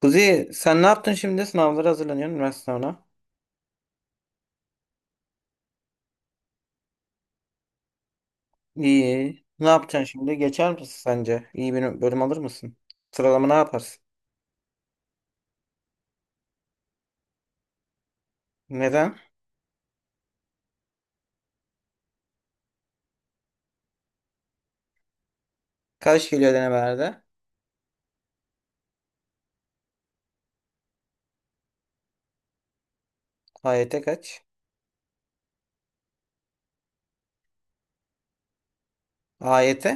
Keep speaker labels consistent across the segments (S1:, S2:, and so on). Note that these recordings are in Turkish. S1: Kuzi, sen ne yaptın şimdi? Sınavlara hazırlanıyorsun, üniversite sınavına. İyi. Ne yapacaksın şimdi? Geçer misin sence? İyi bir bölüm alır mısın? Sıralama ne yaparsın? Neden? Kaç geliyor denemelerde? AYT kaç? AYT?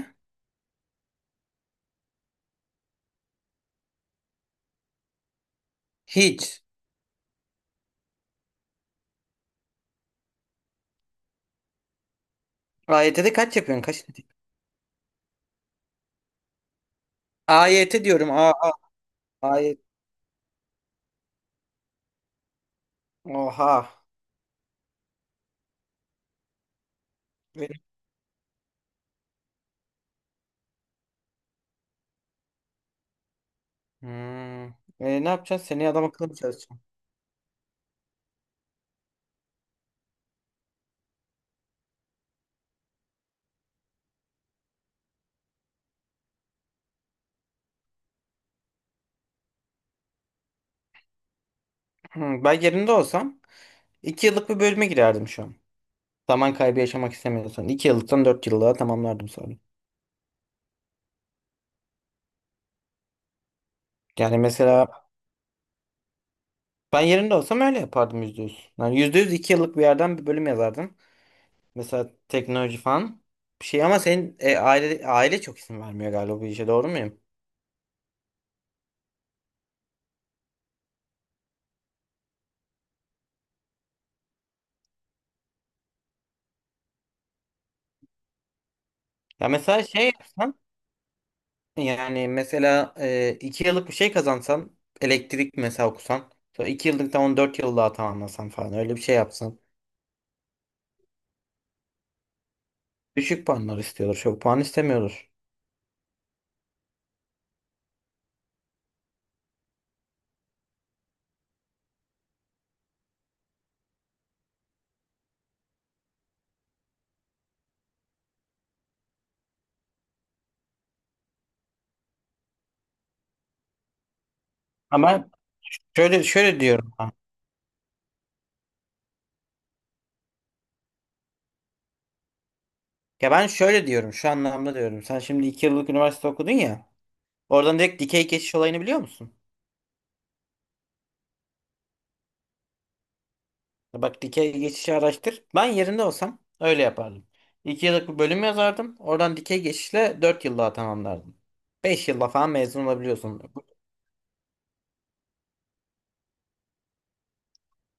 S1: Hiç. AYT'de kaç yapıyorsun? Kaç dedik? AYT diyorum. AYT. Oha. Benim- Hmm. E, ne yapacaksın? Seneye adam akıllı mı çalışacaksın? Hmm, ben yerinde olsam 2 yıllık bir bölüme girerdim şu an. Zaman kaybı yaşamak istemiyorsan, 2 yıllıktan 4 yıllığa tamamlardım sonra. Yani mesela ben yerinde olsam öyle yapardım, %100. Yani %100 iki yıllık bir yerden bir bölüm yazardım. Mesela teknoloji falan bir şey, ama senin aile çok izin vermiyor galiba. Bu işe doğru muyum? Ya mesela şey yapsan, yani mesela iki yıllık bir şey kazansan, elektrik mesela okusan, sonra iki yıllıktan 14 yıl daha tamamlasan falan, öyle bir şey yapsan. Düşük puanlar istiyordur, çok puan istemiyordur. Ama şöyle şöyle diyorum ha. Ya ben şöyle diyorum, şu anlamda diyorum. Sen şimdi iki yıllık üniversite okudun ya. Oradan direkt dikey geçiş olayını biliyor musun? Bak, dikey geçişi araştır. Ben yerinde olsam öyle yapardım. 2 yıllık bir bölüm yazardım. Oradan dikey geçişle 4 yıllığa tamamlardım. 5 yılla falan mezun olabiliyorsun.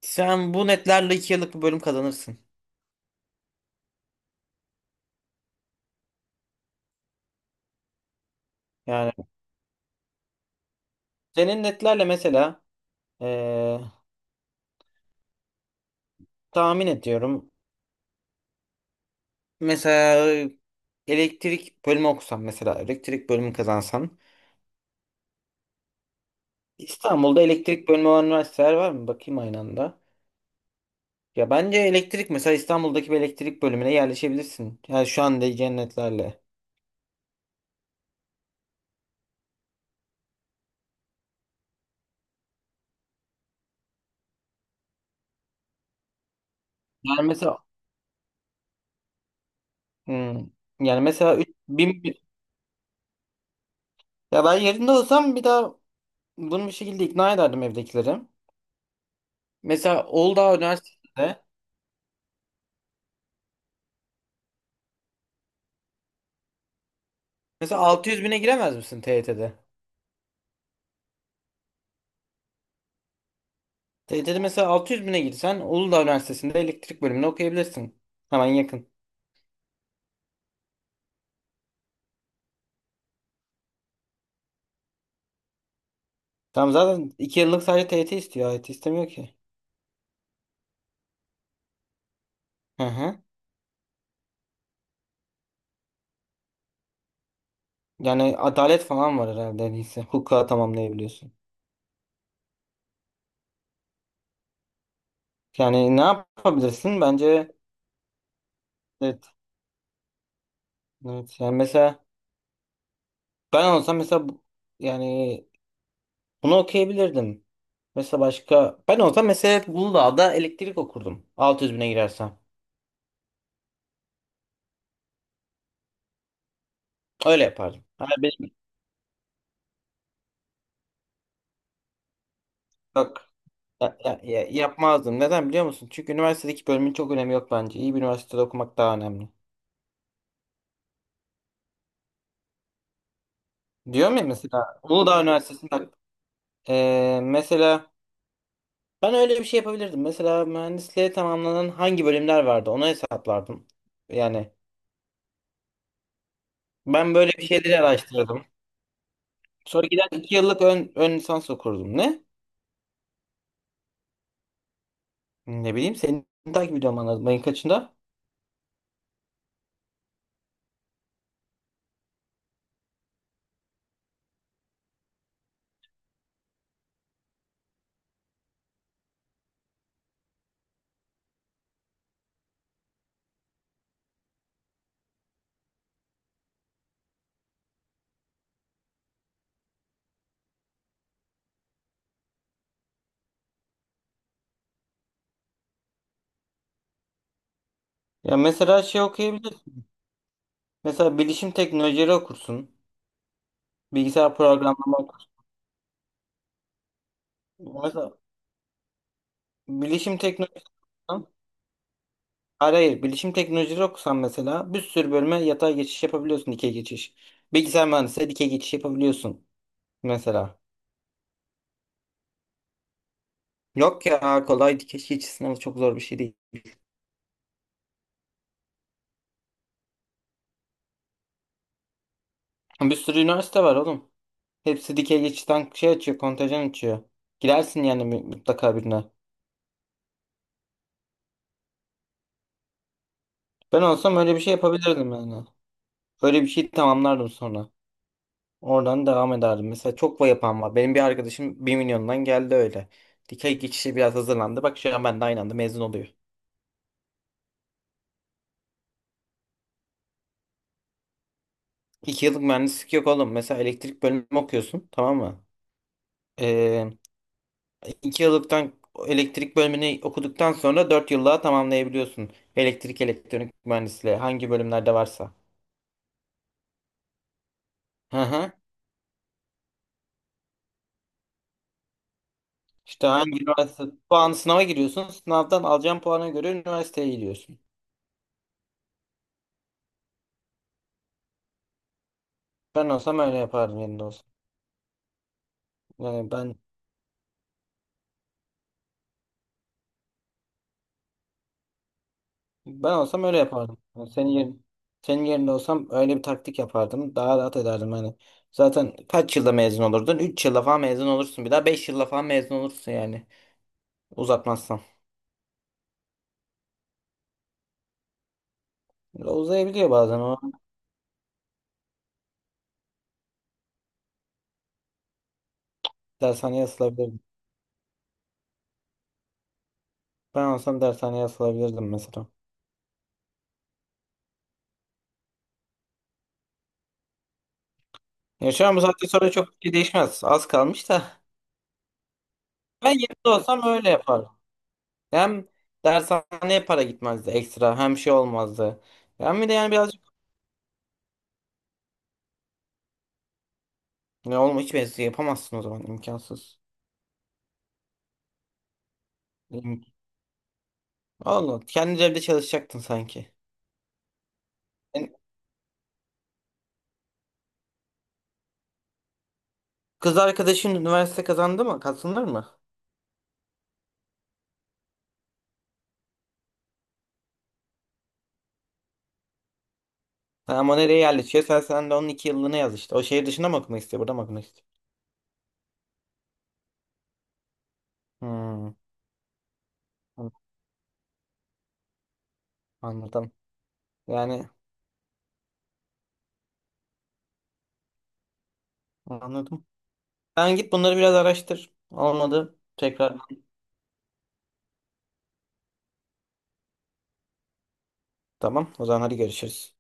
S1: Sen bu netlerle 2 yıllık bir bölüm kazanırsın. Yani senin netlerle mesela eee, tahmin ediyorum. Mesela elektrik bölümü okusan, mesela elektrik bölümü kazansan. İstanbul'da elektrik bölümü olan üniversiteler var mı? Bakayım aynı anda. Ya bence elektrik, mesela İstanbul'daki bir elektrik bölümüne yerleşebilirsin. Yani şu anda cennetlerle. Yani mesela hmm, yani mesela ya ben yerinde olsam bir daha bunu bir şekilde ikna ederdim evdekileri. Mesela Uludağ Üniversitesi'nde, mesela 600 bine giremez misin TYT'de? TYT'de mesela 600 bine girsen Uludağ Üniversitesi'nde elektrik bölümüne okuyabilirsin. Hemen yakın. Tamam, zaten 2 yıllık sadece TYT istiyor. AYT istemiyor ki. Hı hı. Yani adalet falan var herhalde, neyse. Hukuka tamamlayabiliyorsun. Yani ne yapabilirsin? Bence evet. Evet. Yani mesela ben olsam mesela yani bunu okuyabilirdim. Mesela başka, ben olsam mesela Uludağ'da elektrik okurdum. 600 bine girersem. Öyle yapardım. Hani benim, yok, yapmazdım. Neden biliyor musun? Çünkü üniversitedeki bölümün çok önemi yok bence. İyi bir üniversitede okumak daha önemli. Diyorum ya, mesela Uludağ Üniversitesi'nde bak, mesela ben öyle bir şey yapabilirdim. Mesela mühendisliğe tamamlanan hangi bölümler vardı onu hesaplardım. Yani ben böyle bir şeyleri araştırdım. Sonra gider iki yıllık ön lisans okurdum. Ne? Ne bileyim, seni takip ediyorum, anladım. Ayın kaçında? Ya mesela şey okuyabilirsin. Mesela bilişim teknolojileri okursun. Bilgisayar programlama okursun. Mesela bilişim teknolojileri okusan- Hayır, hayır. Bilişim teknolojileri okusan, mesela bir sürü bölüme yatay geçiş yapabiliyorsun. Dikey geçiş. Bilgisayar mühendisliğe dikey geçiş yapabiliyorsun. Mesela. Yok ya, kolay, dikey geçiş sınavı çok zor bir şey değil. Bir sürü üniversite var oğlum. Hepsi dikey geçitten şey açıyor, kontajan açıyor. Girersin yani, mutlaka birine. Ben olsam öyle bir şey yapabilirdim yani. Öyle bir şey tamamlardım sonra. Oradan devam ederdim. Mesela çok va yapan var. Benim bir arkadaşım 1.000.000'dan geldi öyle. Dikey geçişe biraz hazırlandı. Bak, şu an ben de aynı anda mezun oluyor. 2 yıllık mühendislik yok oğlum. Mesela elektrik bölümü okuyorsun, tamam mı? Ee, 2 yıllıktan elektrik bölümünü okuduktan sonra 4 yıllığa tamamlayabiliyorsun. Elektrik, elektronik mühendisliği hangi bölümlerde varsa. Hı hı. İşte hangi üniversite puanı, sınava giriyorsun. Sınavdan alacağın puana göre üniversiteye gidiyorsun. Ben olsam öyle yapardım, yerinde olsam. Yani ben olsam öyle yapardım. Yani senin yerin, senin yerinde olsam öyle bir taktik yapardım. Daha rahat ederdim hani. Zaten kaç yılda mezun olurdun? 3 yılda falan mezun olursun. Bir daha 5 yılda falan mezun olursun yani. Uzatmazsan. Uzayabiliyor bazen o. Dershaneye asılabilirdim. Ben olsam dershaneye asılabilirdim mesela. Ya şu an bu saatten sonra çok bir şey değişmez. Az kalmış da. Ben yerinde olsam öyle yapardım. Hem dershaneye para gitmezdi ekstra, hem şey olmazdı. Hem bir de yani birazcık ne olma, hiç mevzu yapamazsın o zaman, imkansız. İm- Allah kendi evde çalışacaktın sanki. Yani kız arkadaşın üniversite kazandı mı? Kazanır mı? Ha, ama nereye yerleşiyor? Sen de onun iki yıllığını yaz işte. O şehir dışında mı okumak istiyor? Burada mı okumak istiyor? Hmm, an- anladım. Yani anladım. Sen git bunları biraz araştır. Olmadı, tekrar. Tamam. O zaman hadi görüşürüz.